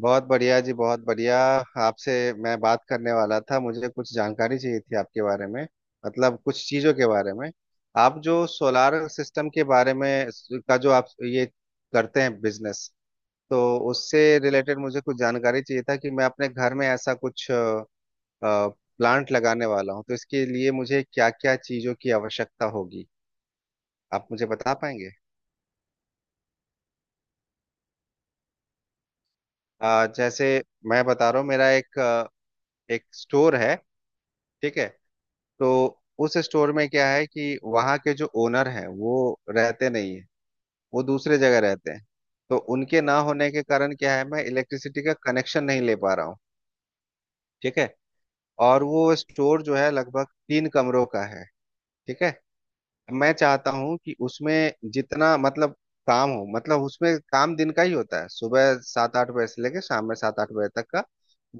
बहुत बढ़िया जी, बहुत बढ़िया। आपसे मैं बात करने वाला था, मुझे कुछ जानकारी चाहिए थी आपके बारे में, मतलब कुछ चीज़ों के बारे में। आप जो सोलार सिस्टम के बारे में का जो आप ये करते हैं बिजनेस, तो उससे रिलेटेड मुझे कुछ जानकारी चाहिए था कि मैं अपने घर में ऐसा कुछ प्लांट लगाने वाला हूँ, तो इसके लिए मुझे क्या क्या चीज़ों की आवश्यकता होगी, आप मुझे बता पाएंगे? जैसे मैं बता रहा हूँ, मेरा एक एक स्टोर है। ठीक है। तो उस स्टोर में क्या है कि वहाँ के जो ओनर हैं वो रहते नहीं है, वो दूसरे जगह रहते हैं। तो उनके ना होने के कारण क्या है, मैं इलेक्ट्रिसिटी का कनेक्शन नहीं ले पा रहा हूँ। ठीक है। और वो स्टोर जो है लगभग 3 कमरों का है। ठीक है। मैं चाहता हूँ कि उसमें जितना मतलब काम हो, मतलब उसमें काम दिन का ही होता है, सुबह 7-8 बजे से लेके शाम में 7-8 बजे तक का।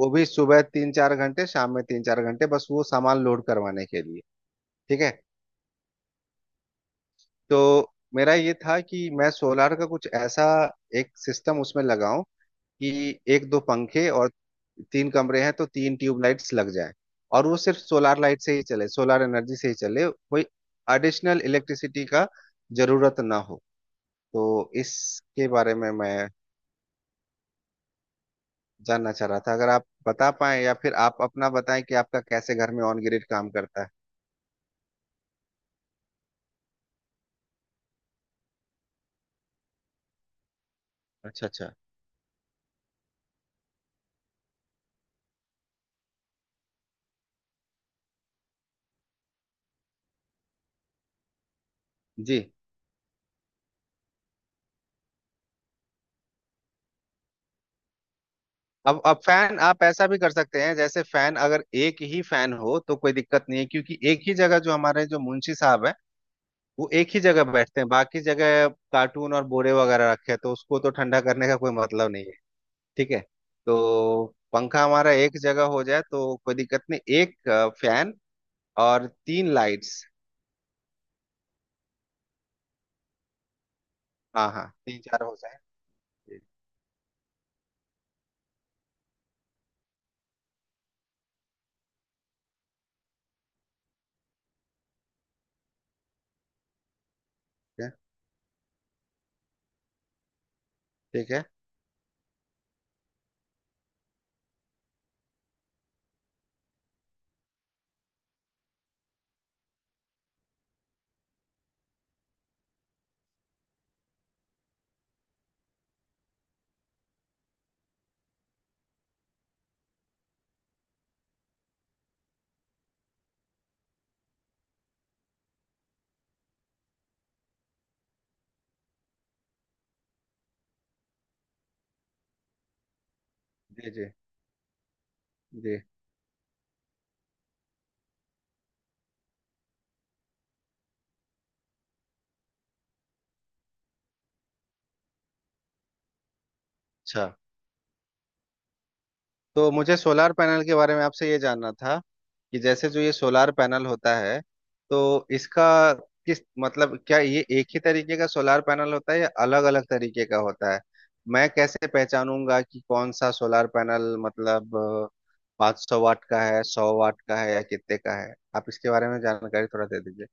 वो भी सुबह 3-4 घंटे, शाम में 3-4 घंटे, बस वो सामान लोड करवाने के लिए। ठीक है। तो मेरा ये था कि मैं सोलार का कुछ ऐसा एक सिस्टम उसमें लगाऊं, कि 1-2 पंखे और 3 कमरे हैं तो 3 ट्यूबलाइट्स लग जाए। और वो सिर्फ सोलार लाइट से ही चले, सोलार एनर्जी से ही चले, कोई एडिशनल इलेक्ट्रिसिटी का जरूरत ना हो। तो इसके बारे में मैं जानना चाह रहा था, अगर आप बता पाएं, या फिर आप अपना बताएं कि आपका कैसे घर में ऑन ग्रिड काम करता है। अच्छा अच्छा। जी। अब फैन आप ऐसा भी कर सकते हैं, जैसे फैन अगर एक ही फैन हो तो कोई दिक्कत नहीं है, क्योंकि एक ही जगह जो हमारे जो मुंशी साहब है वो एक ही जगह बैठते हैं, बाकी जगह कार्टून और बोरे वगैरह रखे हैं, तो उसको तो ठंडा करने का कोई मतलब नहीं है। ठीक है। तो पंखा हमारा एक जगह हो जाए तो कोई दिक्कत नहीं, एक फैन और 3 लाइट्स। हाँ हाँ, 3-4 हो जाए। ठीक। है ठीक है। जी जी। जी। अच्छा। तो मुझे सोलार पैनल के बारे में आपसे ये जानना था, कि जैसे जो ये सोलार पैनल होता है, तो इसका किस मतलब क्या ये एक ही तरीके का सोलार पैनल होता है या अलग अलग तरीके का होता है? मैं कैसे पहचानूंगा कि कौन सा सोलार पैनल मतलब 500 वाट का है, 100 वाट का है, या कितने का है? आप इसके बारे में जानकारी थोड़ा दे दीजिए।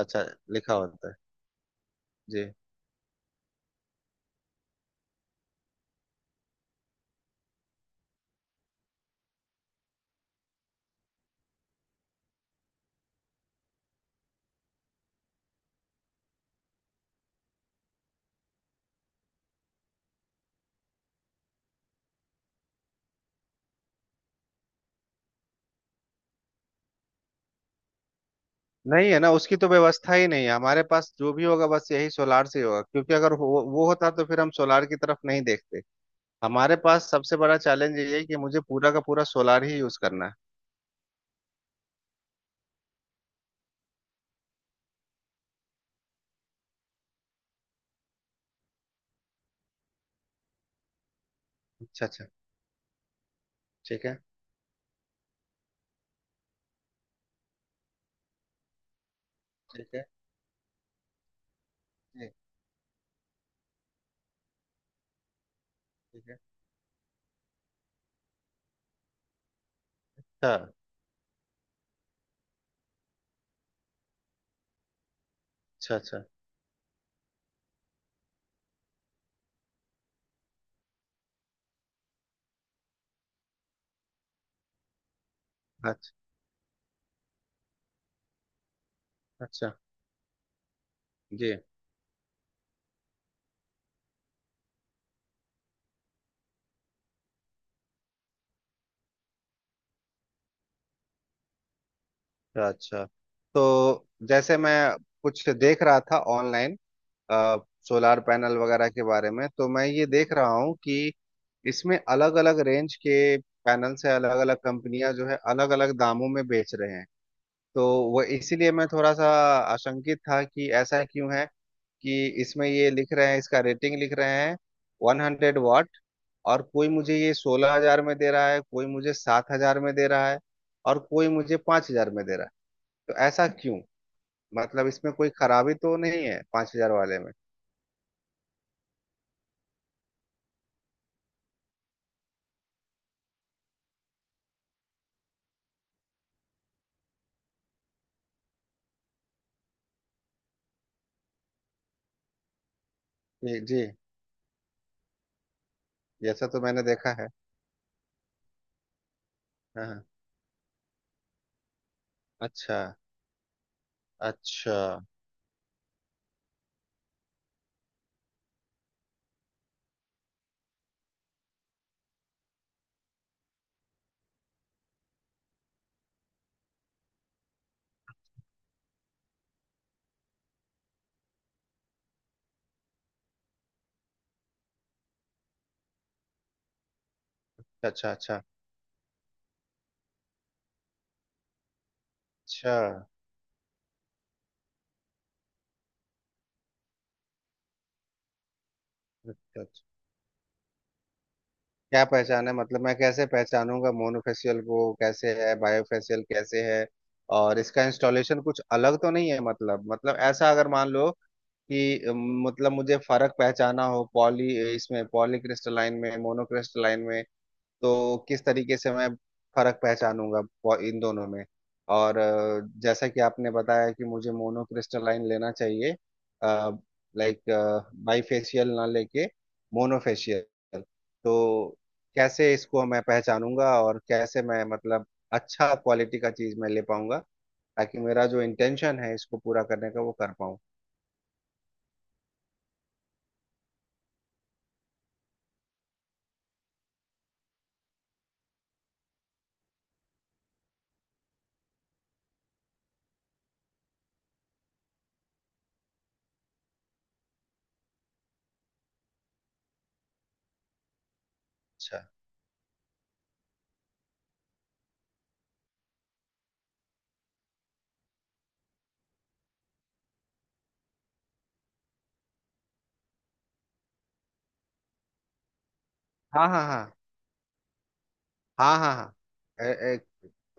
अच्छा, लिखा होता है। जी। नहीं, है ना, उसकी तो व्यवस्था ही नहीं है हमारे पास, जो भी होगा बस यही सोलार से ही होगा, क्योंकि अगर वो होता तो फिर हम सोलार की तरफ नहीं देखते। हमारे पास सबसे बड़ा चैलेंज ये है कि मुझे पूरा का पूरा सोलार ही यूज करना है। अच्छा अच्छा। ठीक है। ठीक है। जी। ठीक है। अच्छा अच्छा अच्छा। अच्छा अच्छा। जी। अच्छा अच्छा। तो जैसे मैं कुछ देख रहा था ऑनलाइन, सोलार पैनल वगैरह के बारे में, तो मैं ये देख रहा हूँ कि इसमें अलग अलग रेंज के पैनल से, अलग अलग कंपनियां जो है अलग अलग दामों में बेच रहे हैं। तो वो इसीलिए मैं थोड़ा सा आशंकित था कि ऐसा क्यों है, कि इसमें ये लिख रहे हैं, इसका रेटिंग लिख रहे हैं 100 वाट, और कोई मुझे ये 16,000 में दे रहा है, कोई मुझे 7,000 में दे रहा है, और कोई मुझे 5,000 में दे रहा है। तो ऐसा क्यों, मतलब इसमें कोई खराबी तो नहीं है 5,000 वाले में? जी जी। जैसा तो मैंने देखा है। हाँ हाँ। अच्छा अच्छा अच्छा। अच्छा अच्छा अच्छा अच्छा। क्या पहचान है, मतलब मैं कैसे पहचानूंगा, मोनोफेशियल को कैसे है, बायोफेशियल कैसे है? और इसका इंस्टॉलेशन कुछ अलग तो नहीं है, मतलब ऐसा अगर मान लो कि अम, मतलब मुझे फर्क पहचाना हो पॉली क्रिस्टलाइन में मोनो क्रिस्टलाइन में, तो किस तरीके से मैं फर्क पहचानूंगा इन दोनों में? और जैसा कि आपने बताया कि मुझे मोनो क्रिस्टलाइन लेना चाहिए, लाइक बाईफेशियल ना लेके मोनोफेशियल। तो कैसे इसको मैं पहचानूंगा, और कैसे मैं मतलब अच्छा क्वालिटी का चीज मैं ले पाऊंगा, ताकि मेरा जो इंटेंशन है इसको पूरा करने का वो कर पाऊँ। अच्छा। हाँ हाँ हाँ। हाँ हाँ हाँ।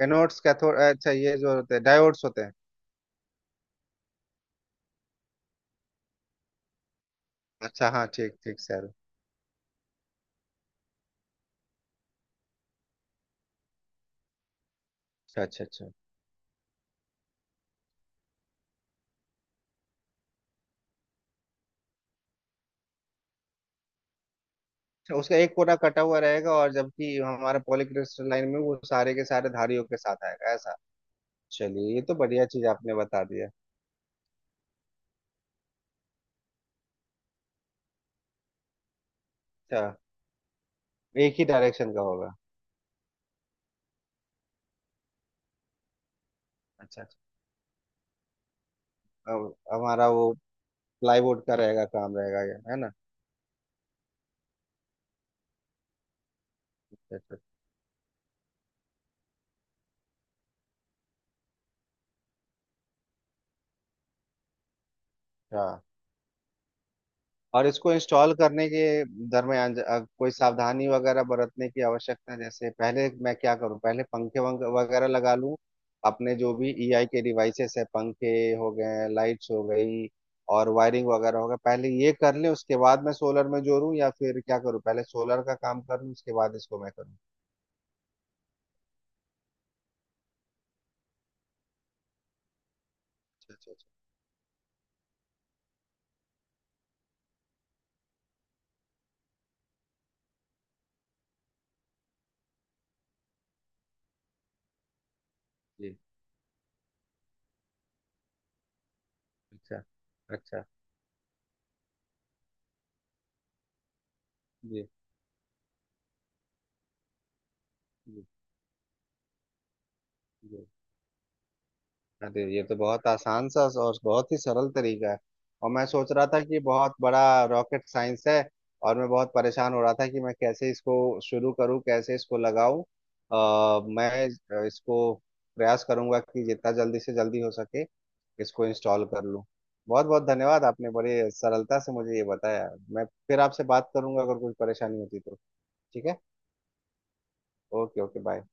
एनोड्स कैथोड, अच्छा ये जो होते हैं डायोड्स होते हैं। अच्छा, हाँ, ठीक ठीक सर। अच्छा अच्छा अच्छा। अच्छा, उसका एक कोना कटा हुआ रहेगा, और जबकि हमारा पॉलीक्रिस्टल लाइन में वो सारे के सारे धारियों के साथ आएगा ऐसा। चलिए, ये तो बढ़िया चीज आपने बता दिया। अच्छा। एक ही डायरेक्शन का होगा। अच्छा अच्छा। अब हमारा वो प्लाईवुड का रहेगा, काम रहेगा, ये है ना? अच्छा अच्छा अच्छा। और इसको इंस्टॉल करने के दरमियान कोई सावधानी वगैरह बरतने की आवश्यकता? जैसे पहले मैं क्या करूं, पहले पंखे वगैरह लगा लूं, अपने जो भी ईआई के डिवाइसेस है पंखे हो गए, लाइट्स हो गई, और वायरिंग वगैरह हो गया, पहले ये कर लें उसके बाद मैं सोलर में जोड़ूं? या फिर क्या करूं, पहले सोलर का काम कर लूं उसके बाद इसको मैं करूं? अच्छा अच्छा अच्छा। जी। अच्छा अच्छा। जी जी। जी। अरे, ये तो बहुत आसान सा और बहुत ही सरल तरीका है। और मैं सोच रहा था कि बहुत बड़ा रॉकेट साइंस है। और मैं बहुत परेशान हो रहा था कि मैं कैसे इसको शुरू करूं, कैसे इसको लगाऊं। मैं इसको प्रयास करूंगा कि जितना जल्दी से जल्दी हो सके इसको इंस्टॉल कर लूं। बहुत बहुत धन्यवाद, आपने बड़े सरलता से मुझे ये बताया। मैं फिर आपसे बात करूंगा अगर कोई परेशानी होती तो। ठीक है। Okay okay, bye.